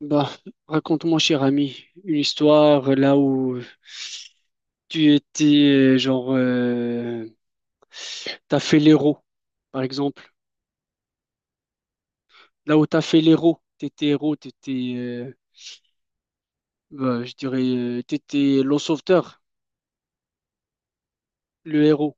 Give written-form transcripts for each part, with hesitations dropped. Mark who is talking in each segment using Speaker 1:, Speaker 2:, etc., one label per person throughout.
Speaker 1: Bah, raconte-moi, cher ami, une histoire là où tu étais, genre, t'as fait l'héros, par exemple. Là où t'as fait l'héros, t'étais héros, t'étais, bah, je dirais, t'étais le sauveteur, le héros.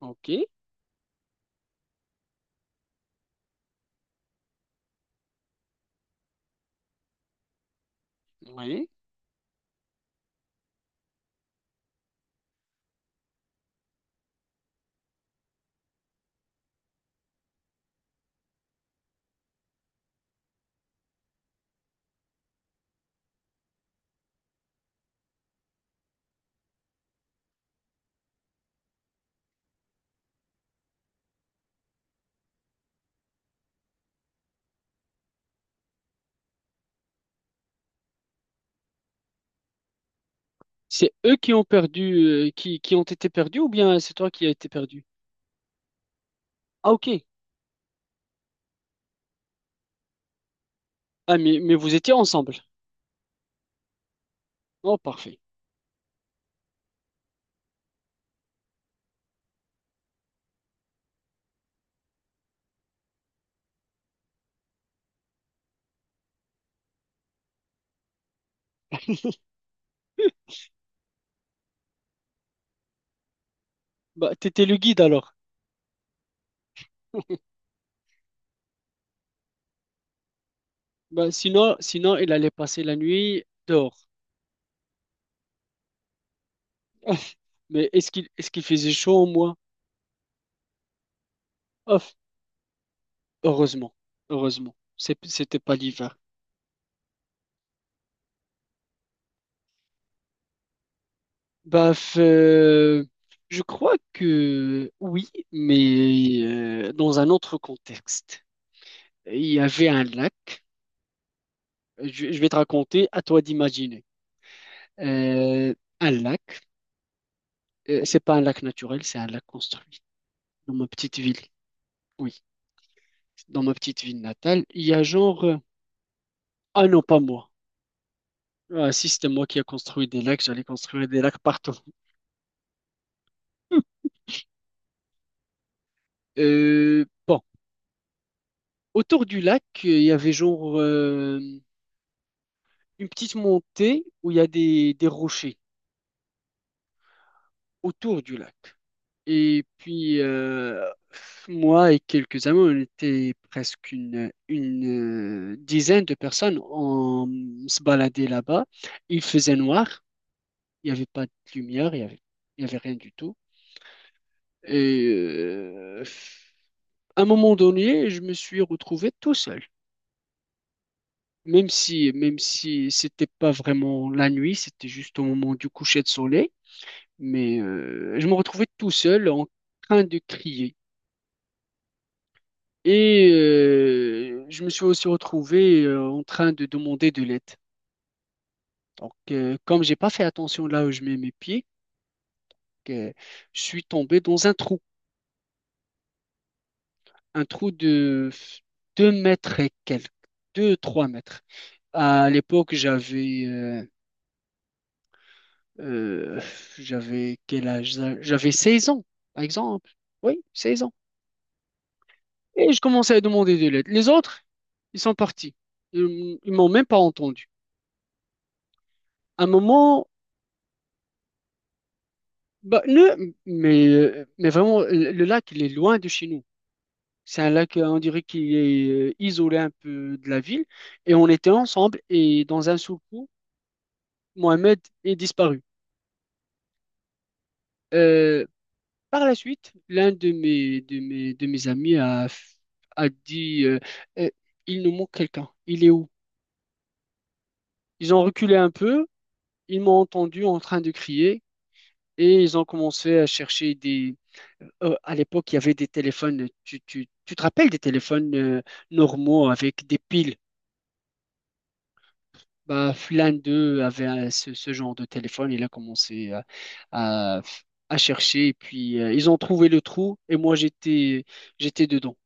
Speaker 1: Ok, oui. C'est eux qui ont perdu, qui ont été perdus ou bien c'est toi qui as été perdu? Ah, ok. Ah, mais vous étiez ensemble. Oh, parfait. Bah, t'étais le guide alors. Bah, sinon, il allait passer la nuit dehors. Ouf. Mais est-ce qu'il faisait chaud au moins? Ouf. Heureusement, heureusement, c'était pas l'hiver. Bah, je crois que oui, mais dans un autre contexte. Il y avait un lac. Je vais te raconter, à toi d'imaginer. Euh, un lac. C'est pas un lac naturel, c'est un lac construit dans ma petite ville. Oui, dans ma petite ville natale, il y a genre. Ah non, pas moi. Ah, si c'était moi qui a construit des lacs, j'allais construire des lacs partout. Bon, autour du lac, il y avait genre une petite montée où il y a des rochers autour du lac. Et puis, moi et quelques amis, on était presque une dizaine de personnes. On se baladait là-bas. Il faisait noir, il n'y avait pas de lumière, il y avait rien du tout. Et à un moment donné, je me suis retrouvé tout seul. Même si c'était pas vraiment la nuit, c'était juste au moment du coucher de soleil, mais je me retrouvais tout seul en train de crier. Et je me suis aussi retrouvé en train de demander de l'aide. Donc, comme j'ai pas fait attention là où je mets mes pieds, euh, je suis tombé dans un trou de 2 mètres et quelques, deux trois mètres. À l'époque, Euh, j'avais quel âge? J'avais 16 ans, par exemple. Oui, 16 ans. Et je commençais à demander de l'aide. Les autres, ils sont partis. Ils m'ont même pas entendu. À un moment, bah, ne, mais vraiment, le lac, il est loin de chez nous. C'est un lac, on dirait qu'il est isolé un peu de la ville. Et on était ensemble et dans un seul coup, Mohamed est disparu. Euh, Par la suite, l'un de mes amis a dit Euh, il nous manque quelqu'un. Il est où? Ils ont reculé un peu, ils m'ont entendu en train de crier et ils ont commencé à chercher des. À l'époque, il y avait des téléphones. Tu te rappelles des téléphones normaux avec des piles? Bah, l'un d'eux avait ce genre de téléphone. Il a commencé à, à chercher et puis ils ont trouvé le trou et moi j'étais dedans.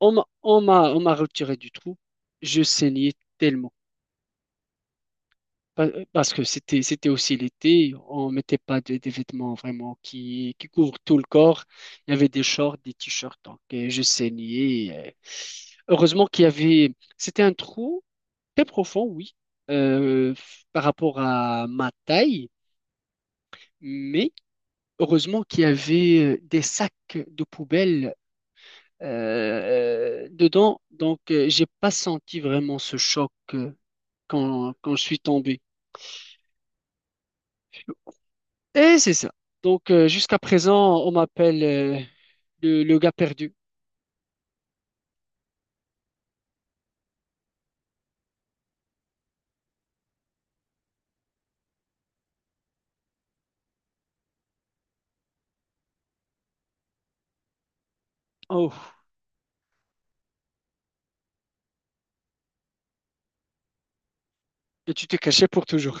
Speaker 1: On m'a retiré du trou. Je saignais tellement. Parce que c'était aussi l'été. On mettait pas des vêtements vraiment qui couvrent tout le corps. Il y avait des shorts, des t-shirts. Donc, je saignais. Heureusement qu'il y avait, c'était un trou très profond, oui, euh, par rapport à ma taille. Mais heureusement qu'il y avait des sacs de poubelle dedans. Donc, j'ai pas senti vraiment ce choc. Quand je suis tombé. Et c'est ça. Donc, jusqu'à présent, on m'appelle le gars perdu. Oh, et tu t'es caché pour toujours.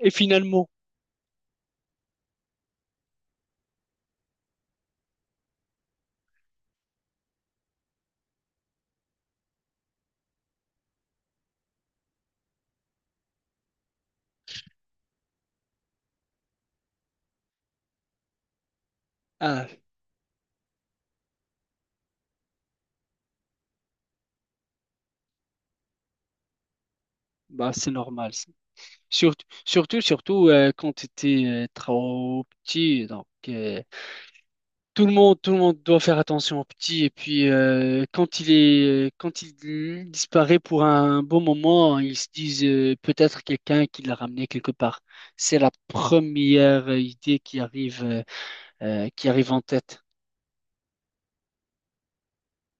Speaker 1: Et finalement, ah, bah, c'est normal ça. Surtout quand tu étais trop petit. Donc, tout le monde doit faire attention au petit. Et puis, quand il disparaît pour un bon moment, ils se disent peut-être quelqu'un qui l'a ramené quelque part. C'est la première idée qui arrive en tête.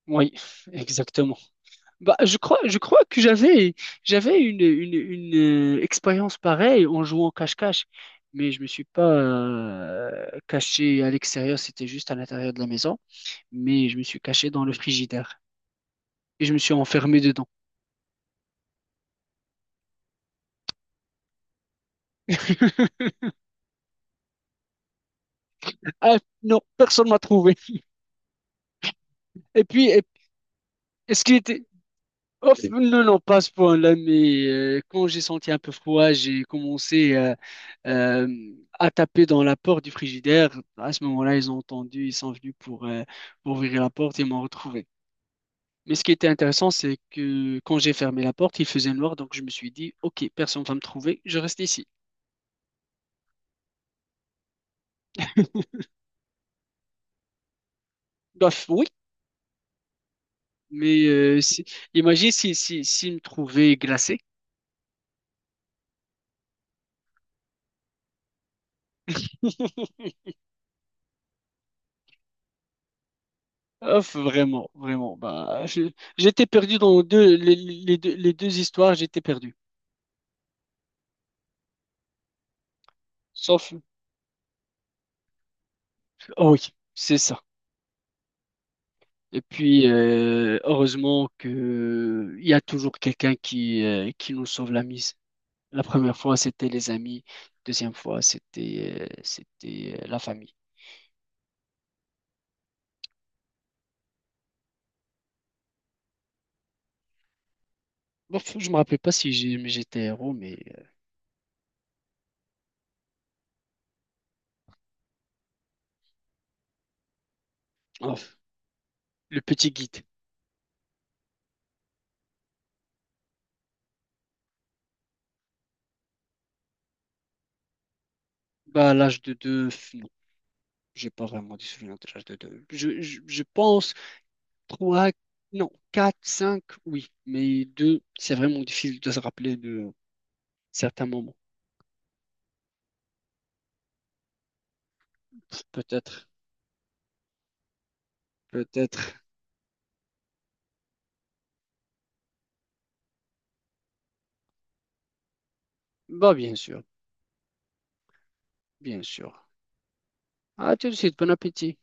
Speaker 1: Oui, exactement. Bah, je crois que j'avais une expérience pareille en jouant au cache-cache, mais je me suis pas caché à l'extérieur, c'était juste à l'intérieur de la maison, mais je me suis caché dans le frigidaire et je me suis enfermé dedans. Ah non, personne m'a trouvé. Et puis, est-ce qu'il était, oh, non, non, pas à ce point-là, mais quand j'ai senti un peu froid, j'ai commencé euh, à taper dans la porte du frigidaire. À ce moment-là, ils ont entendu, ils sont venus pour ouvrir la porte et m'ont retrouvé. Mais ce qui était intéressant, c'est que quand j'ai fermé la porte, il faisait noir, donc je me suis dit, OK, personne va me trouver, je reste ici. Bref, oui, mais imagine si, si, s'ils me trouvaient glacé. Ouf, vraiment, vraiment. Bah, j'étais perdu dans deux, les deux histoires, j'étais perdu. Sauf, oh oui, c'est ça. Et puis, heureusement que il y a toujours quelqu'un qui nous sauve la mise. La première fois, c'était les amis. Deuxième fois, c'était la famille. Bon, je me rappelle pas si j'étais héros, mais oh, le petit guide. Bah, à l'âge de deux, non, j'ai pas vraiment des souvenirs de l'âge de deux. Je pense trois, non, quatre, cinq, oui, mais deux, c'est vraiment difficile de se rappeler de certains moments. Peut-être. Peut-être. Bah, bien sûr, bien sûr. À tout de suite, bon appétit.